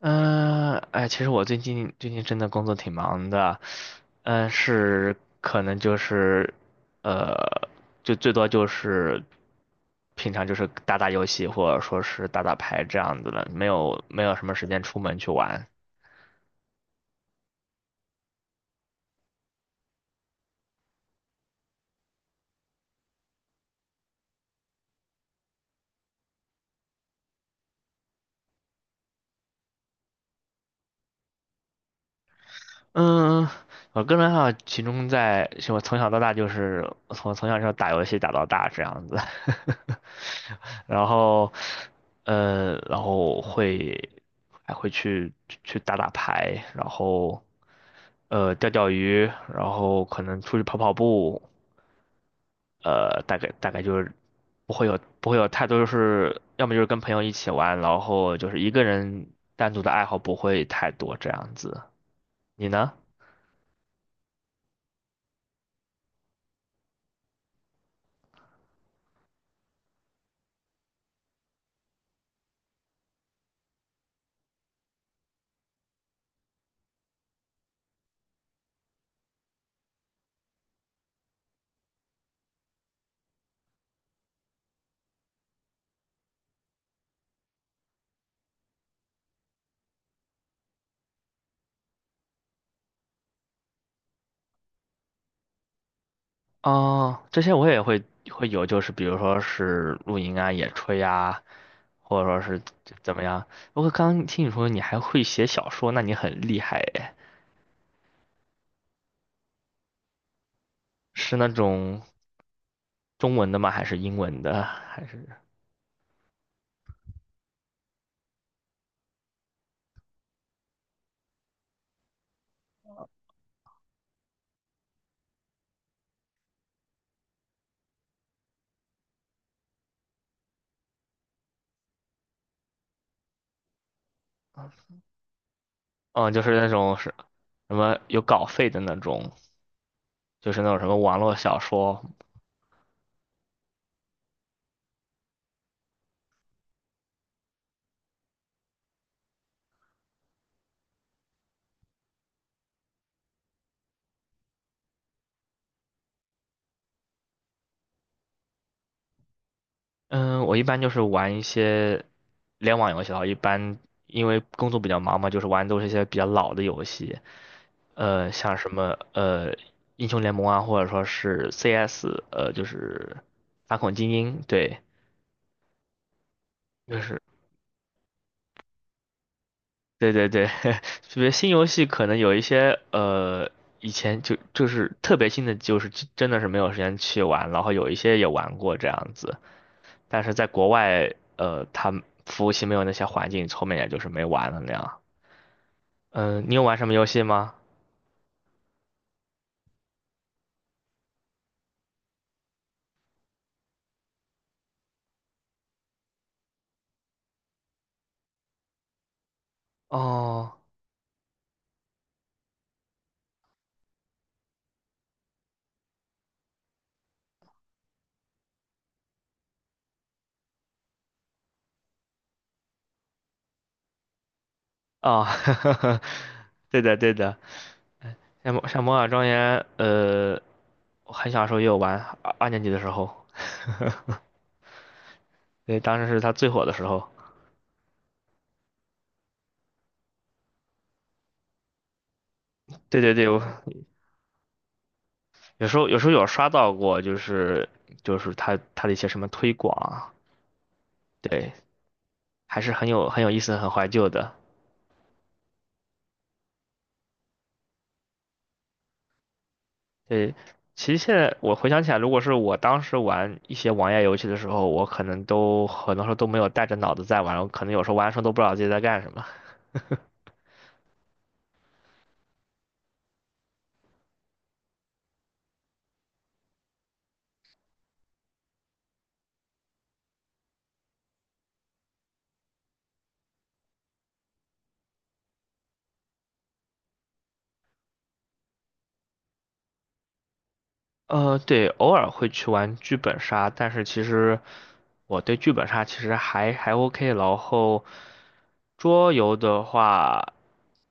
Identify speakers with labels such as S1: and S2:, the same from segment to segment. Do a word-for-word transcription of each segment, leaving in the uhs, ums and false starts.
S1: 嗯，哎，其实我最近最近真的工作挺忙的，嗯，是。可能就是，呃，就最多就是平常就是打打游戏或者说是打打牌这样子的，没有没有什么时间出门去玩。嗯，我个人爱好集中在，是我从小到大，就是我从从小就打游戏打到大这样子，然后，呃，然后会还会去去打打牌，然后呃钓钓鱼，然后可能出去跑跑步，呃，大概大概就是不会有不会有太多，就是要么就是跟朋友一起玩，然后就是一个人单独的爱好不会太多这样子。你呢？哦，这些我也会会有，就是比如说是露营啊、野炊啊，或者说是怎么样。不过刚刚听你说你还会写小说，那你很厉害诶，是那种中文的吗？还是英文的？还是嗯，就是那种是什么有稿费的那种，就是那种什么网络小说。嗯，我一般就是玩一些联网游戏的话，一般因为工作比较忙嘛，就是玩都是一些比较老的游戏。呃，像什么呃英雄联盟啊，或者说是 C S,呃，就是反恐精英，对，就是对对对，特别新游戏可能有一些呃以前就就是特别新的，就是真真的是没有时间去玩，然后有一些也玩过这样子，但是在国外呃，它服务器没有那些环境，后面也就是没玩了那样。嗯、你有玩什么游戏吗？哦哦，对的对的，像像《魔法庄园》呃。我很小时候也有玩，二二年级的时候，对，当时是它最火的时候。对对对，我有时候有时候有刷到过，就是就是它它的一些什么推广啊，对，还是很有很有意思、很怀旧的。对，其实现在我回想起来，如果是我当时玩一些网页游戏的时候，我可能都很多时候都没有带着脑子在玩，我可能有时候玩的时候都不知道自己在干什么。呃，对，偶尔会去玩剧本杀，但是其实我对剧本杀其实还还 OK。然后桌游的话，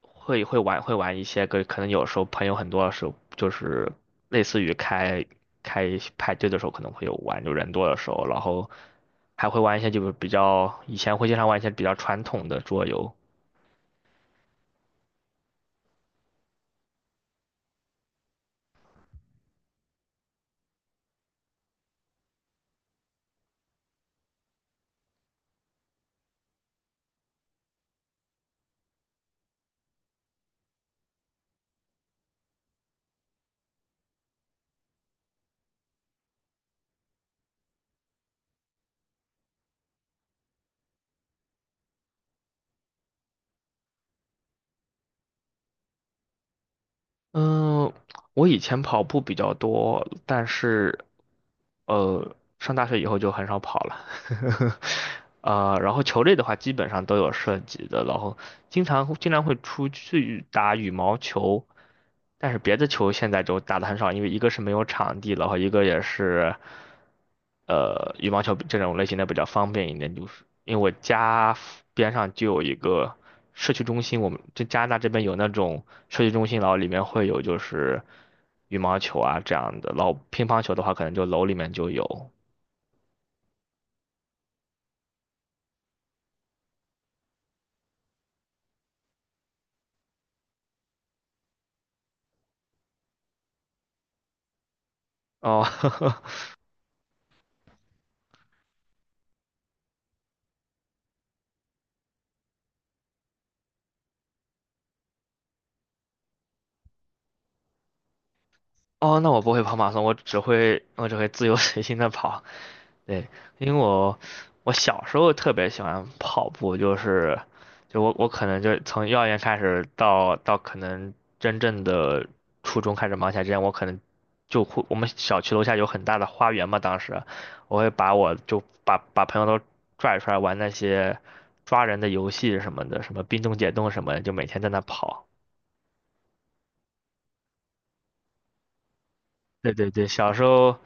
S1: 会会玩会玩一些个，可能有时候朋友很多的时候，就是类似于开开派对的时候可能会有玩，就人多的时候，然后还会玩一些就是比较以前会经常玩一些比较传统的桌游。嗯，我以前跑步比较多，但是，呃，上大学以后就很少跑了。呃，然后球类的话，基本上都有涉及的，然后经常经常会出去打羽毛球，但是别的球现在就打的很少，因为一个是没有场地了，和一个也是，呃，羽毛球这种类型的比较方便一点，就是因为我家附边上就有一个社区中心，我们这加拿大这边有那种社区中心，然后里面会有就是羽毛球啊这样的，然后乒乓球的话可能就楼里面就有。哦，哦，那我不会跑马拉松，我只会我只会自由随心的跑。对，因为我我小时候特别喜欢跑步，就是就我我可能就是从幼儿园开始到到可能真正的初中开始忙起来之前，我可能就会，我们小区楼下有很大的花园嘛，当时我会把我就把把朋友都拽出来玩那些抓人的游戏什么的，什么冰冻解冻什么的，就每天在那跑。对对对，小时候，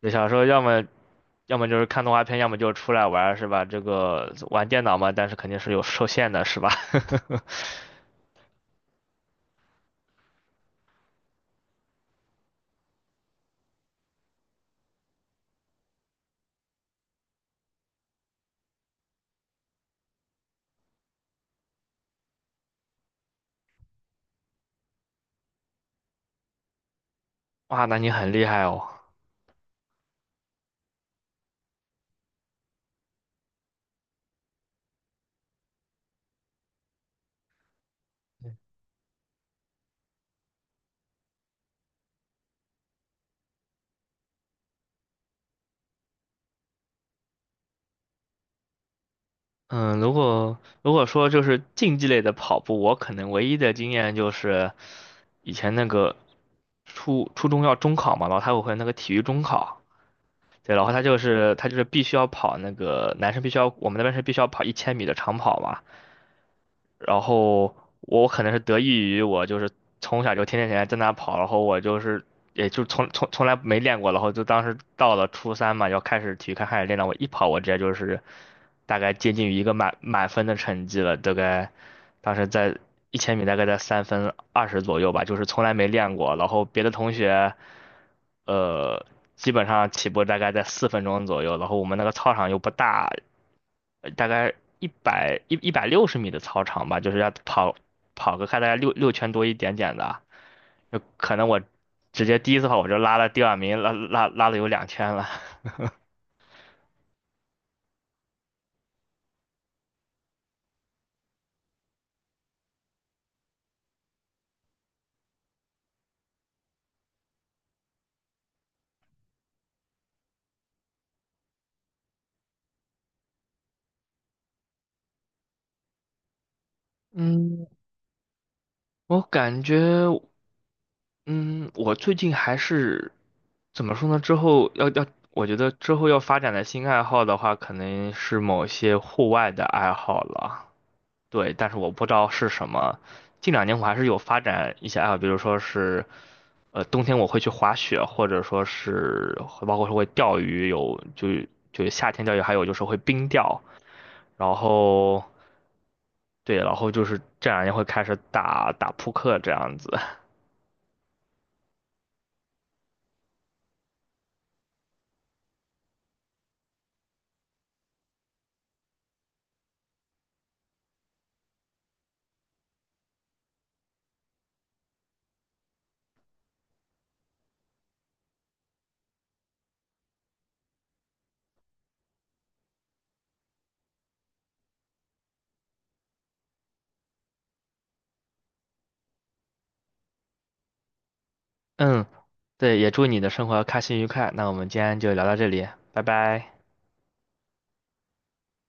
S1: 对小时候要么要么就是看动画片，要么就出来玩儿是吧？这个玩电脑嘛，但是肯定是有受限的，是吧？哇，那你很厉害哦。嗯，如果如果说就是竞技类的跑步，我可能唯一的经验就是以前那个初初中要中考嘛，然后他会有那个体育中考，对，然后他就是他就是必须要跑那个男生必须要，我们那边是必须要跑一千米的长跑嘛，然后我可能是得益于我就是从小就天天天天在那跑，然后我就是也就从从从来没练过，然后就当时到了初三嘛，要开始体育课开始练了，我一跑我直接就是大概接近于一个满满分的成绩了，大概当时在一千米大概在三分二十左右吧，就是从来没练过，然后别的同学呃基本上起步大概在四分钟左右，然后我们那个操场又不大，呃大概一百一一百六十米的操场吧，就是要跑跑个看大概六六圈多一点点的，就可能我直接第一次跑我就拉了第二名，拉拉拉了有两圈了。嗯，我感觉，嗯，我最近还是怎么说呢？之后要要，我觉得之后要发展的新爱好的话，可能是某些户外的爱好了。对，但是我不知道是什么。近两年我还是有发展一些爱好，比如说是，呃，冬天我会去滑雪，或者说是会包括说会钓鱼，有就就夏天钓鱼，还有就是会冰钓。然后对，然后就是这两年会开始打打扑克这样子。嗯，对，也祝你的生活开心愉快。那我们今天就聊到这里，拜拜。